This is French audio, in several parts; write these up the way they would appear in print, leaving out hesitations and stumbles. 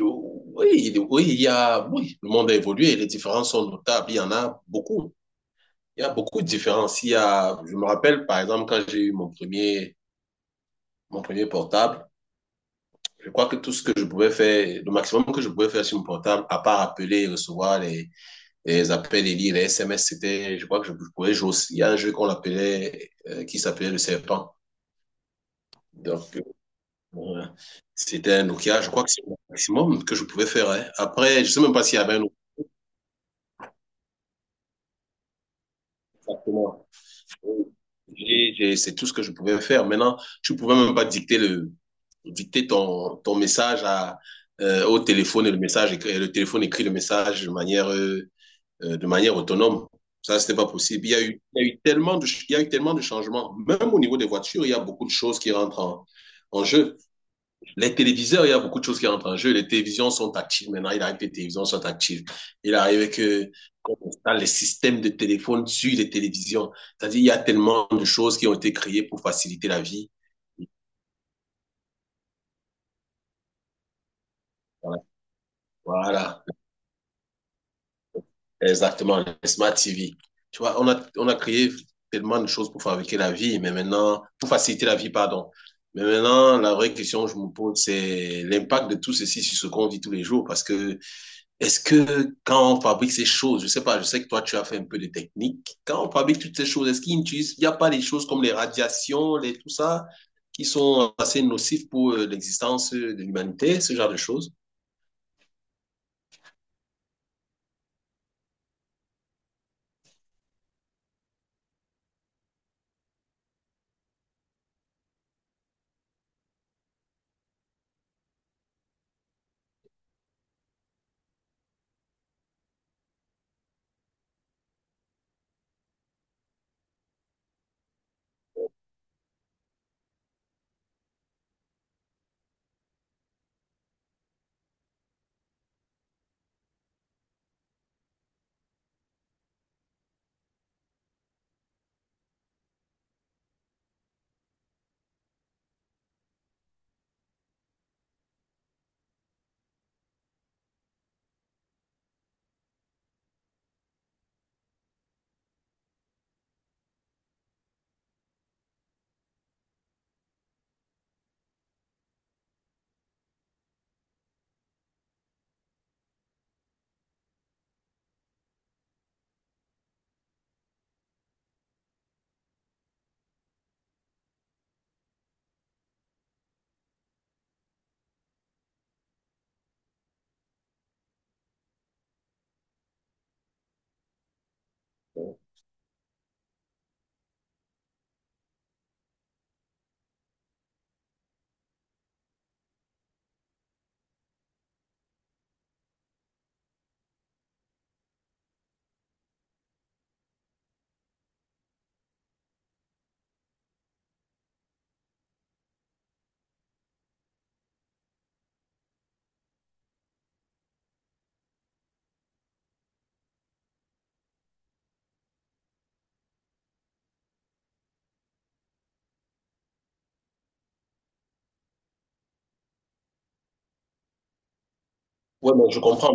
Oui, oui, oui, le monde a évolué, les différences sont notables, il y en a beaucoup. Il y a beaucoup de différences. Il y a, je me rappelle, par exemple, quand j'ai eu mon premier portable, je crois que tout ce que je pouvais faire, le maximum que je pouvais faire sur mon portable, à part appeler et recevoir les appels et lire les SMS, c'était, je crois que je pouvais jouer aussi. Il y a un jeu qui s'appelait le serpent. Donc, euh, C'était un Nokia, je crois que c'est le maximum que je pouvais faire, hein. Après, je sais même pas s'il y avait un autre. C'est tout ce que je pouvais faire. Maintenant, tu pouvais même pas dicter ton message au téléphone, et et le téléphone écrit le message de manière autonome. Ça, c'était pas possible. Il y a eu, il y a eu tellement de, ch- Il y a eu tellement de changements. Même au niveau des voitures, il y a beaucoup de choses qui rentrent en jeu. Les téléviseurs, il y a beaucoup de choses qui rentrent en jeu. Les télévisions sont actives maintenant. Il arrive que les télévisions sont actives. Il arrive que qu'on installe les systèmes de téléphone sur les télévisions. C'est-à-dire, il y a tellement de choses qui ont été créées pour faciliter la vie. Voilà, exactement. Les smart TV. Tu vois, on a créé tellement de choses pour fabriquer la vie, mais maintenant, pour faciliter la vie, pardon. Mais maintenant, la vraie question que je me pose, c'est l'impact de tout ceci sur ce qu'on vit tous les jours, parce que est-ce que quand on fabrique ces choses, je sais pas, je sais que toi tu as fait un peu de technique, quand on fabrique toutes ces choses, est-ce qu'il n'y a pas des choses comme les radiations, tout ça, qui sont assez nocives pour l'existence de l'humanité, ce genre de choses? Ouais, bon,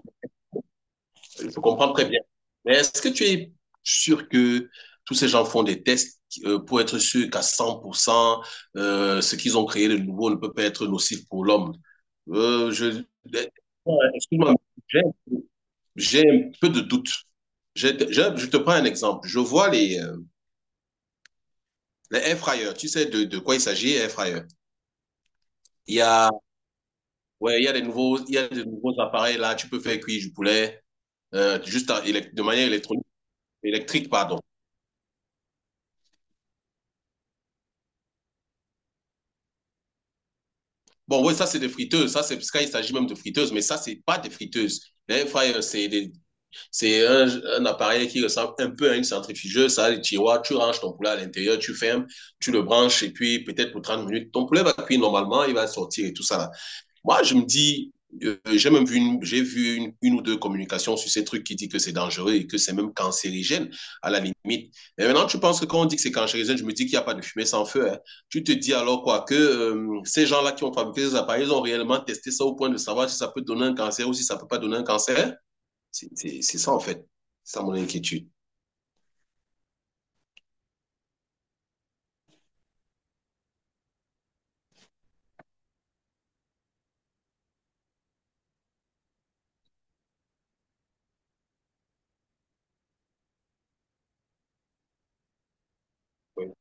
je comprends très bien. Mais est-ce que tu es sûr que tous ces gens font des tests, pour être sûr qu'à 100%, ce qu'ils ont créé de nouveau ne peut pas être nocif pour l'homme? Euh, je, Ouais, excuse-moi, j'ai j'ai un peu de doute. Je te prends un exemple. Je vois les air fryers. Tu sais de quoi il s'agit, air fryer. Il y a, ouais, il y a des nouveaux, appareils là. Tu peux faire cuire du poulet, de manière électrique, pardon. Bon, ouais, ça c'est des friteuses. Ça c'est parce qu'il s'agit même de friteuses, mais ça c'est pas des friteuses. Les air fryers, c'est un appareil qui ressemble un peu à une centrifugeuse. Ça a des tiroirs. Tu ranges ton poulet à l'intérieur, tu fermes, tu le branches et puis peut-être pour 30 minutes, ton poulet va cuire normalement, il va sortir et tout ça là. Moi, je me dis, j'ai vu une ou deux communications sur ces trucs qui dit que c'est dangereux et que c'est même cancérigène, à la limite. Mais maintenant, tu penses que quand on dit que c'est cancérigène, je me dis qu'il n'y a pas de fumée sans feu, hein. Tu te dis alors quoi que, ces gens-là qui ont fabriqué ces appareils, ils ont réellement testé ça au point de savoir si ça peut donner un cancer ou si ça ne peut pas donner un cancer. C'est ça, en fait. C'est ça mon inquiétude. Oui.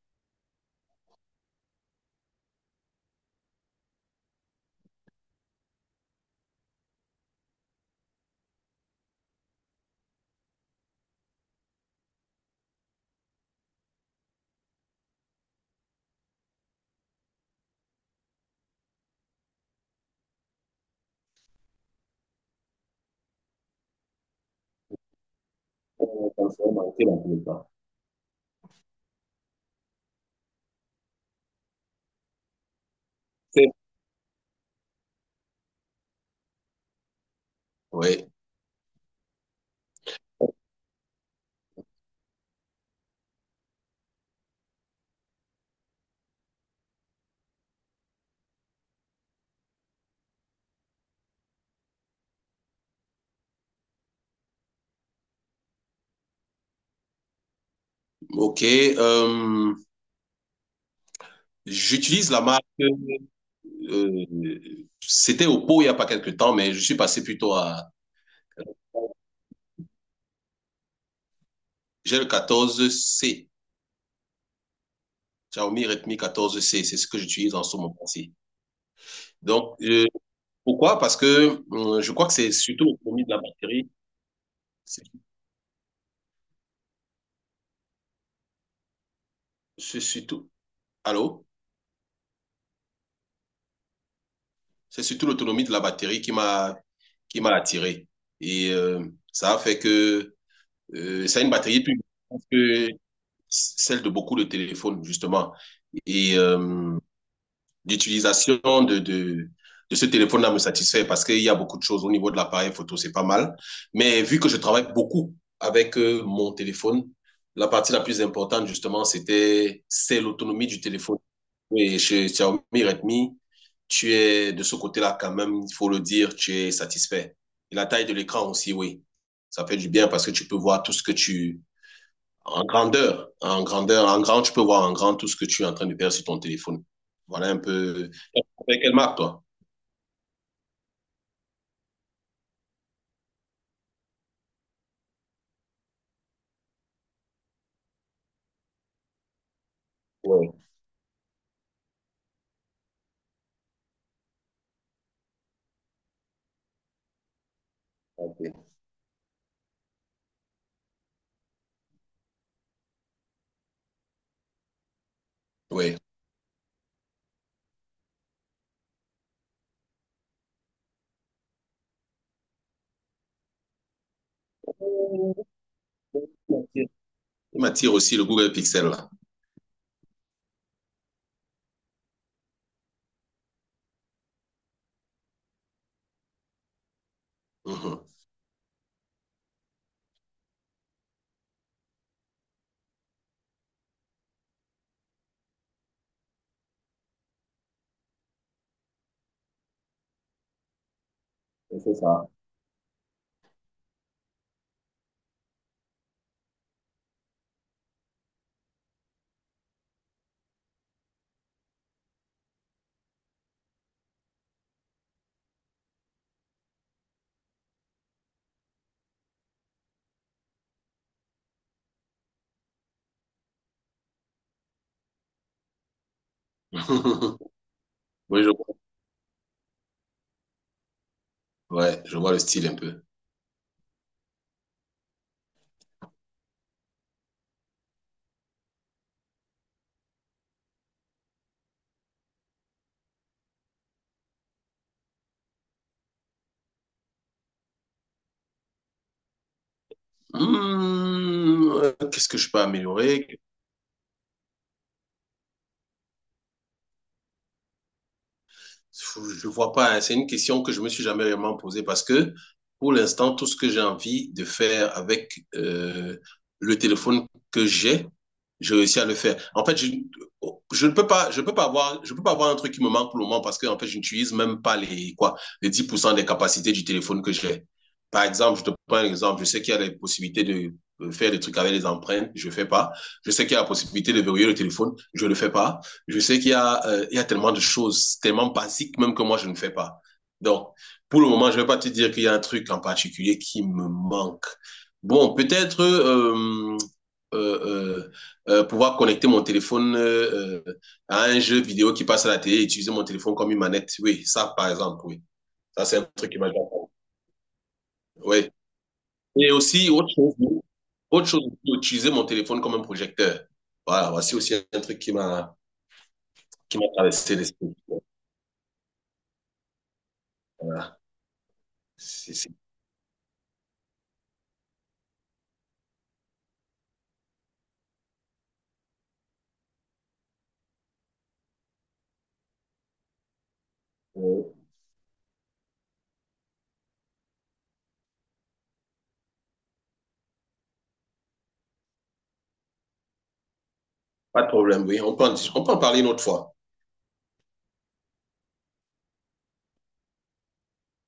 Oui. OK. J'utilise la marque, euh, c'était au pot il n'y a pas quelque temps, mais je suis passé plutôt à. J'ai le 14C, Xiaomi Redmi 14C, c'est ce que j'utilise en ce moment-ci. Donc, pourquoi? Parce que je crois que c'est surtout l'autonomie de la batterie. C'est c'est surtout. Allô? C'est surtout l'autonomie de la batterie qui m'a attiré. Et ça a fait que, ça a une batterie plus grande que celle de beaucoup de téléphones, justement. Et d'utilisation de ce téléphone-là me satisfait parce qu'il y a beaucoup de choses au niveau de l'appareil photo, c'est pas mal. Mais vu que je travaille beaucoup avec mon téléphone, la partie la plus importante, justement, c'est l'autonomie du téléphone. Et chez Xiaomi Redmi, tu es de ce côté-là quand même, il faut le dire, tu es satisfait. Et la taille de l'écran aussi, oui. Ça fait du bien parce que tu peux voir tout ce que tu... En grand, tu peux voir en grand tout ce que tu es en train de faire sur ton téléphone. Voilà un peu, avec quelle marque, toi? Oui, ok. Oui. Il m'attire aussi, le Google Pixel, là. Mhm. C'est ça. Oui, je vois. Ouais, je vois le style un peu. Qu'est-ce que je peux améliorer? Je ne vois pas, hein. C'est une question que je me suis jamais vraiment posée parce que, pour l'instant, tout ce que j'ai envie de faire avec le téléphone que j'ai, je réussis à le faire. En fait, je ne peux pas, je peux pas avoir, je peux pas avoir un truc qui me manque pour le moment parce que, en fait, je n'utilise même pas les 10% des capacités du téléphone que j'ai. Par exemple, je te prends un exemple. Je sais qu'il y a les possibilités de faire des trucs avec les empreintes, je fais pas. Je sais qu'il y a la possibilité de verrouiller le téléphone, je le fais pas. Je sais qu'il y a, il y a tellement de choses, tellement basiques même, que moi, je ne fais pas. Donc, pour le moment, je ne vais pas te dire qu'il y a un truc en particulier qui me manque. Bon, peut-être, euh, euh, pouvoir connecter mon téléphone, à un jeu vidéo qui passe à la télé, et utiliser mon téléphone comme une manette. Oui, ça, par exemple, oui. Ça, c'est un truc qui m'a déjà fait. Oui. Et aussi, autre chose, utiliser mon téléphone comme un projecteur. Voilà, voici aussi un truc qui m'a traversé l'esprit. Voilà. C'est- c'est- euh, Pas de problème, oui. On peut en parler une autre fois.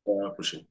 Pour la prochaine.